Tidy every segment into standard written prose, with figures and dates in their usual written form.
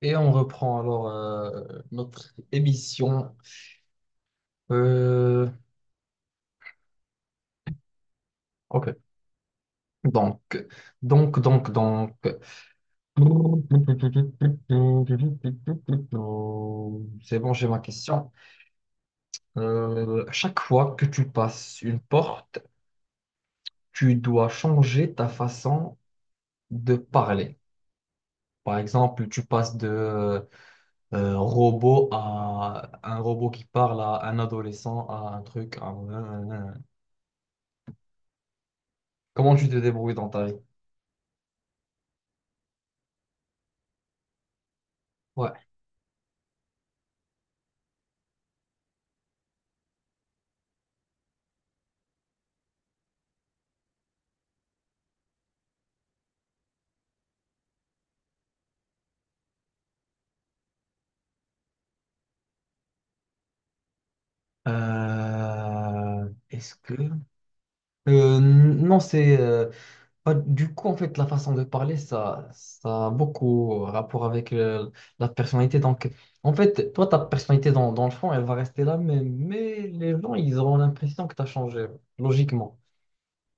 Et on reprend notre émission. Euh, ok. Donc, donc. C'est bon, j'ai ma question. Chaque fois que tu passes une porte, tu dois changer ta façon de parler. Par exemple, tu passes de robot à un robot qui parle à un adolescent à un truc. Comment tu te débrouilles dans ta vie? Ouais. Est-ce que... Non, bah, du coup, en fait, la façon de parler, ça a beaucoup rapport avec la personnalité. Donc, en fait, toi, ta personnalité, dans le fond, elle va rester la même. Mais les gens, ils auront l'impression que tu as changé, logiquement.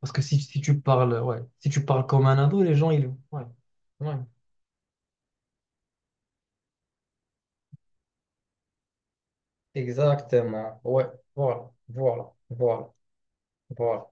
Parce que si tu parles, ouais, si tu parles comme un ado, les gens, ils... Ouais, ouais. Exactement. Ouais, voilà, voilà, voilà, voilà.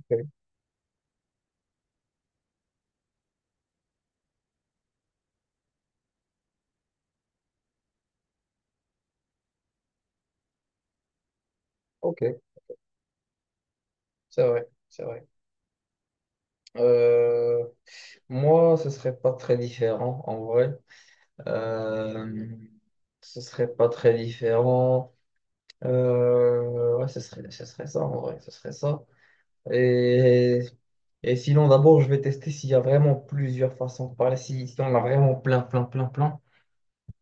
Ok, ok, c'est vrai, c'est vrai. Euh, Moi, ce serait pas très différent en vrai. Euh, Ce serait pas très différent. Ouais, ce serait ça en vrai. Ce serait ça. Et, et sinon, d'abord, je vais tester s'il y a vraiment plusieurs façons de parler. Si on a vraiment plein.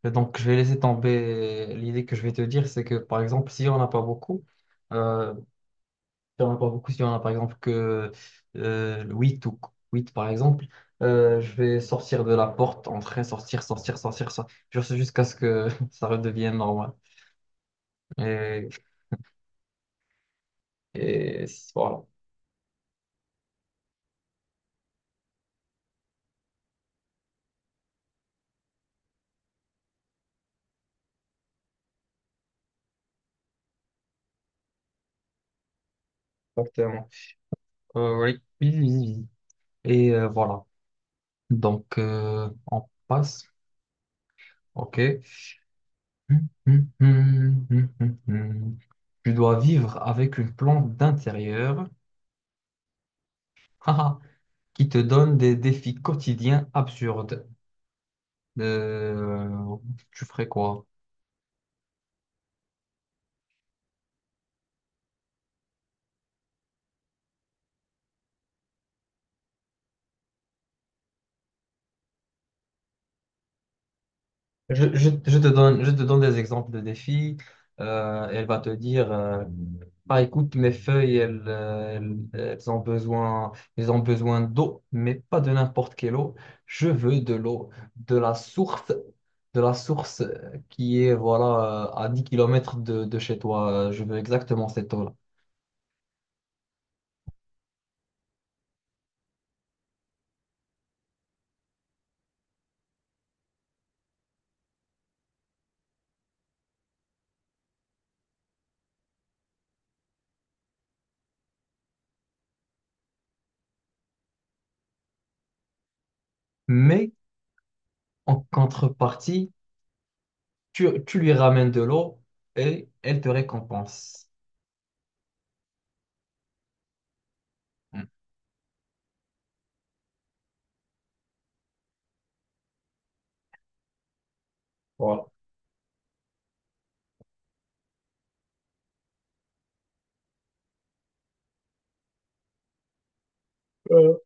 Et donc, je vais laisser tomber l'idée que je vais te dire. C'est que, par exemple, si on n'a pas beaucoup, euh, il y en a pas beaucoup. Il y en a par exemple que 8 ou 8 par exemple. Je vais sortir de la porte, entrer, sortir, sortir, sortir, sortir. Je sais jusqu'à ce que ça redevienne normal. Et, et voilà, exactement. Oui, oui, oui, oui, oui. Et voilà. Donc, on passe. OK. Hum. Tu dois vivre avec une plante d'intérieur haha, qui te donne des défis quotidiens absurdes. Euh, Tu ferais quoi? Je te donne, je te donne des exemples de défis. Elle va te dire, ah, écoute, mes feuilles, elles ont besoin d'eau, mais pas de n'importe quelle eau. Je veux de l'eau, de la source, de la source qui est, voilà, à 10 kilomètres de chez toi. Je veux exactement cette eau-là. Mais en contrepartie, tu lui ramènes de l'eau et elle te récompense. Voilà. Euh,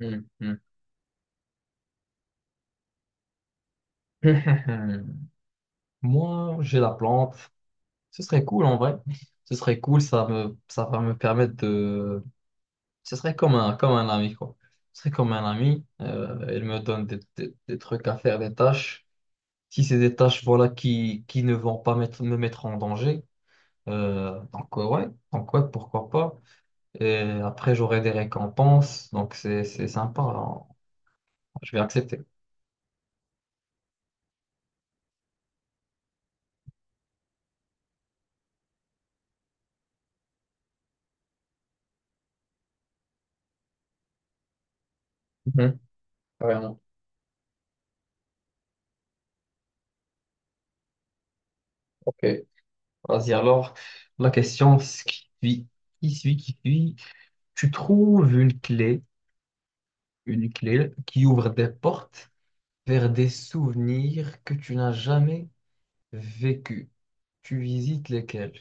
Hmm, hmm. Moi, j'ai la plante. Ce serait cool en vrai. Ce serait cool, ça me, ça va me permettre de. Ce serait comme un ami, quoi. Ce serait comme un ami. Il me donne des, des trucs à faire, des tâches. Si c'est des tâches, voilà, qui ne vont pas mettre, me mettre en danger. Ouais, donc, ouais, pourquoi pas. Et après, j'aurai des récompenses. Donc, c'est sympa, hein. Je vais accepter. Mhm. Vraiment. Ok. Vas-y, alors, la question ce qui suit, qui suit. Tu trouves une clé qui ouvre des portes vers des souvenirs que tu n'as jamais vécus. Tu visites lesquels?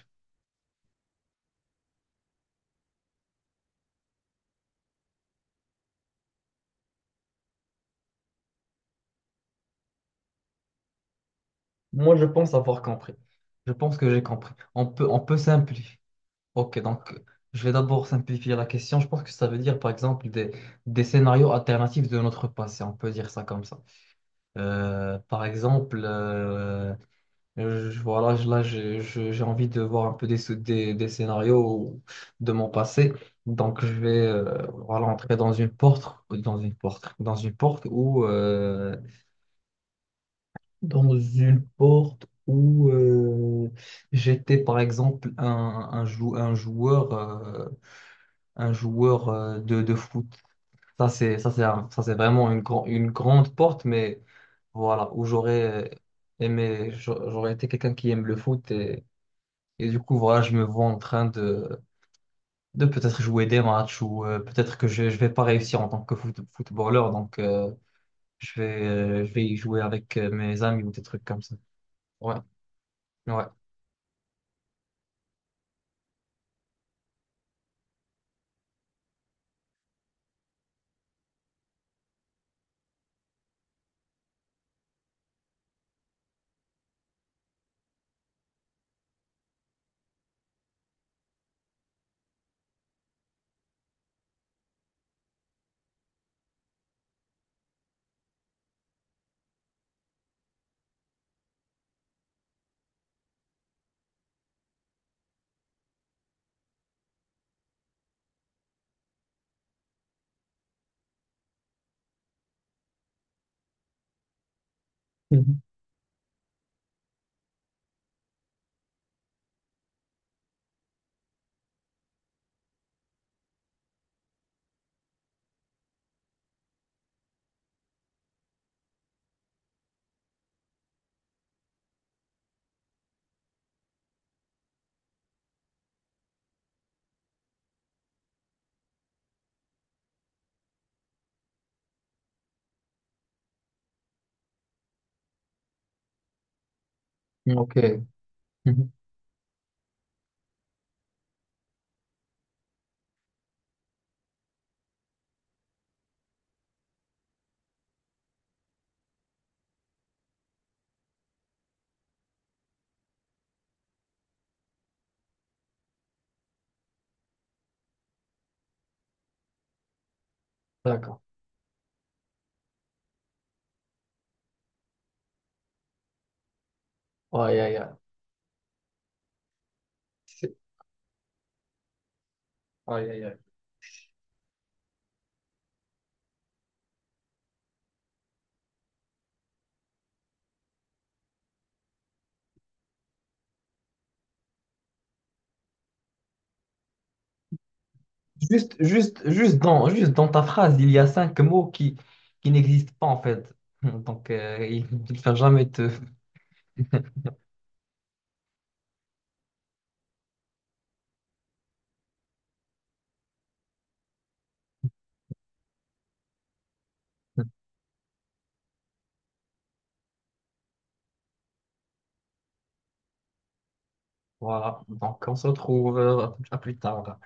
Moi, je pense avoir compris. Je pense que j'ai compris. On peut simplifier. Ok, donc, je vais d'abord simplifier la question. Je pense que ça veut dire, par exemple, des scénarios alternatifs de notre passé. On peut dire ça comme ça. Euh, par exemple, euh, Voilà, là, j'ai envie de voir un peu des, des scénarios de mon passé. Donc, je vais voilà, entrer dans une porte, dans une porte, dans une porte où j'étais, par exemple, un joueur de foot. Ça, c'est vraiment une, une grande porte, mais voilà, où j'aurais aimé, j'aurais été quelqu'un qui aime le foot. Et du coup, voilà, je me vois en train de peut-être jouer des matchs ou peut-être que je vais pas réussir en tant que footballeur. Donc, je vais y jouer avec mes amis ou des trucs comme ça. Ouais, ouais. Mhm. Ok. Mhm. D'accord. Aïe, aïe, aïe. C'est- Aïe, aïe, aïe. Juste dans ta phrase, il y a 5 mots qui n'existent pas en fait. Donc, il ne va jamais te... Voilà. Donc, on se retrouve à plus tard.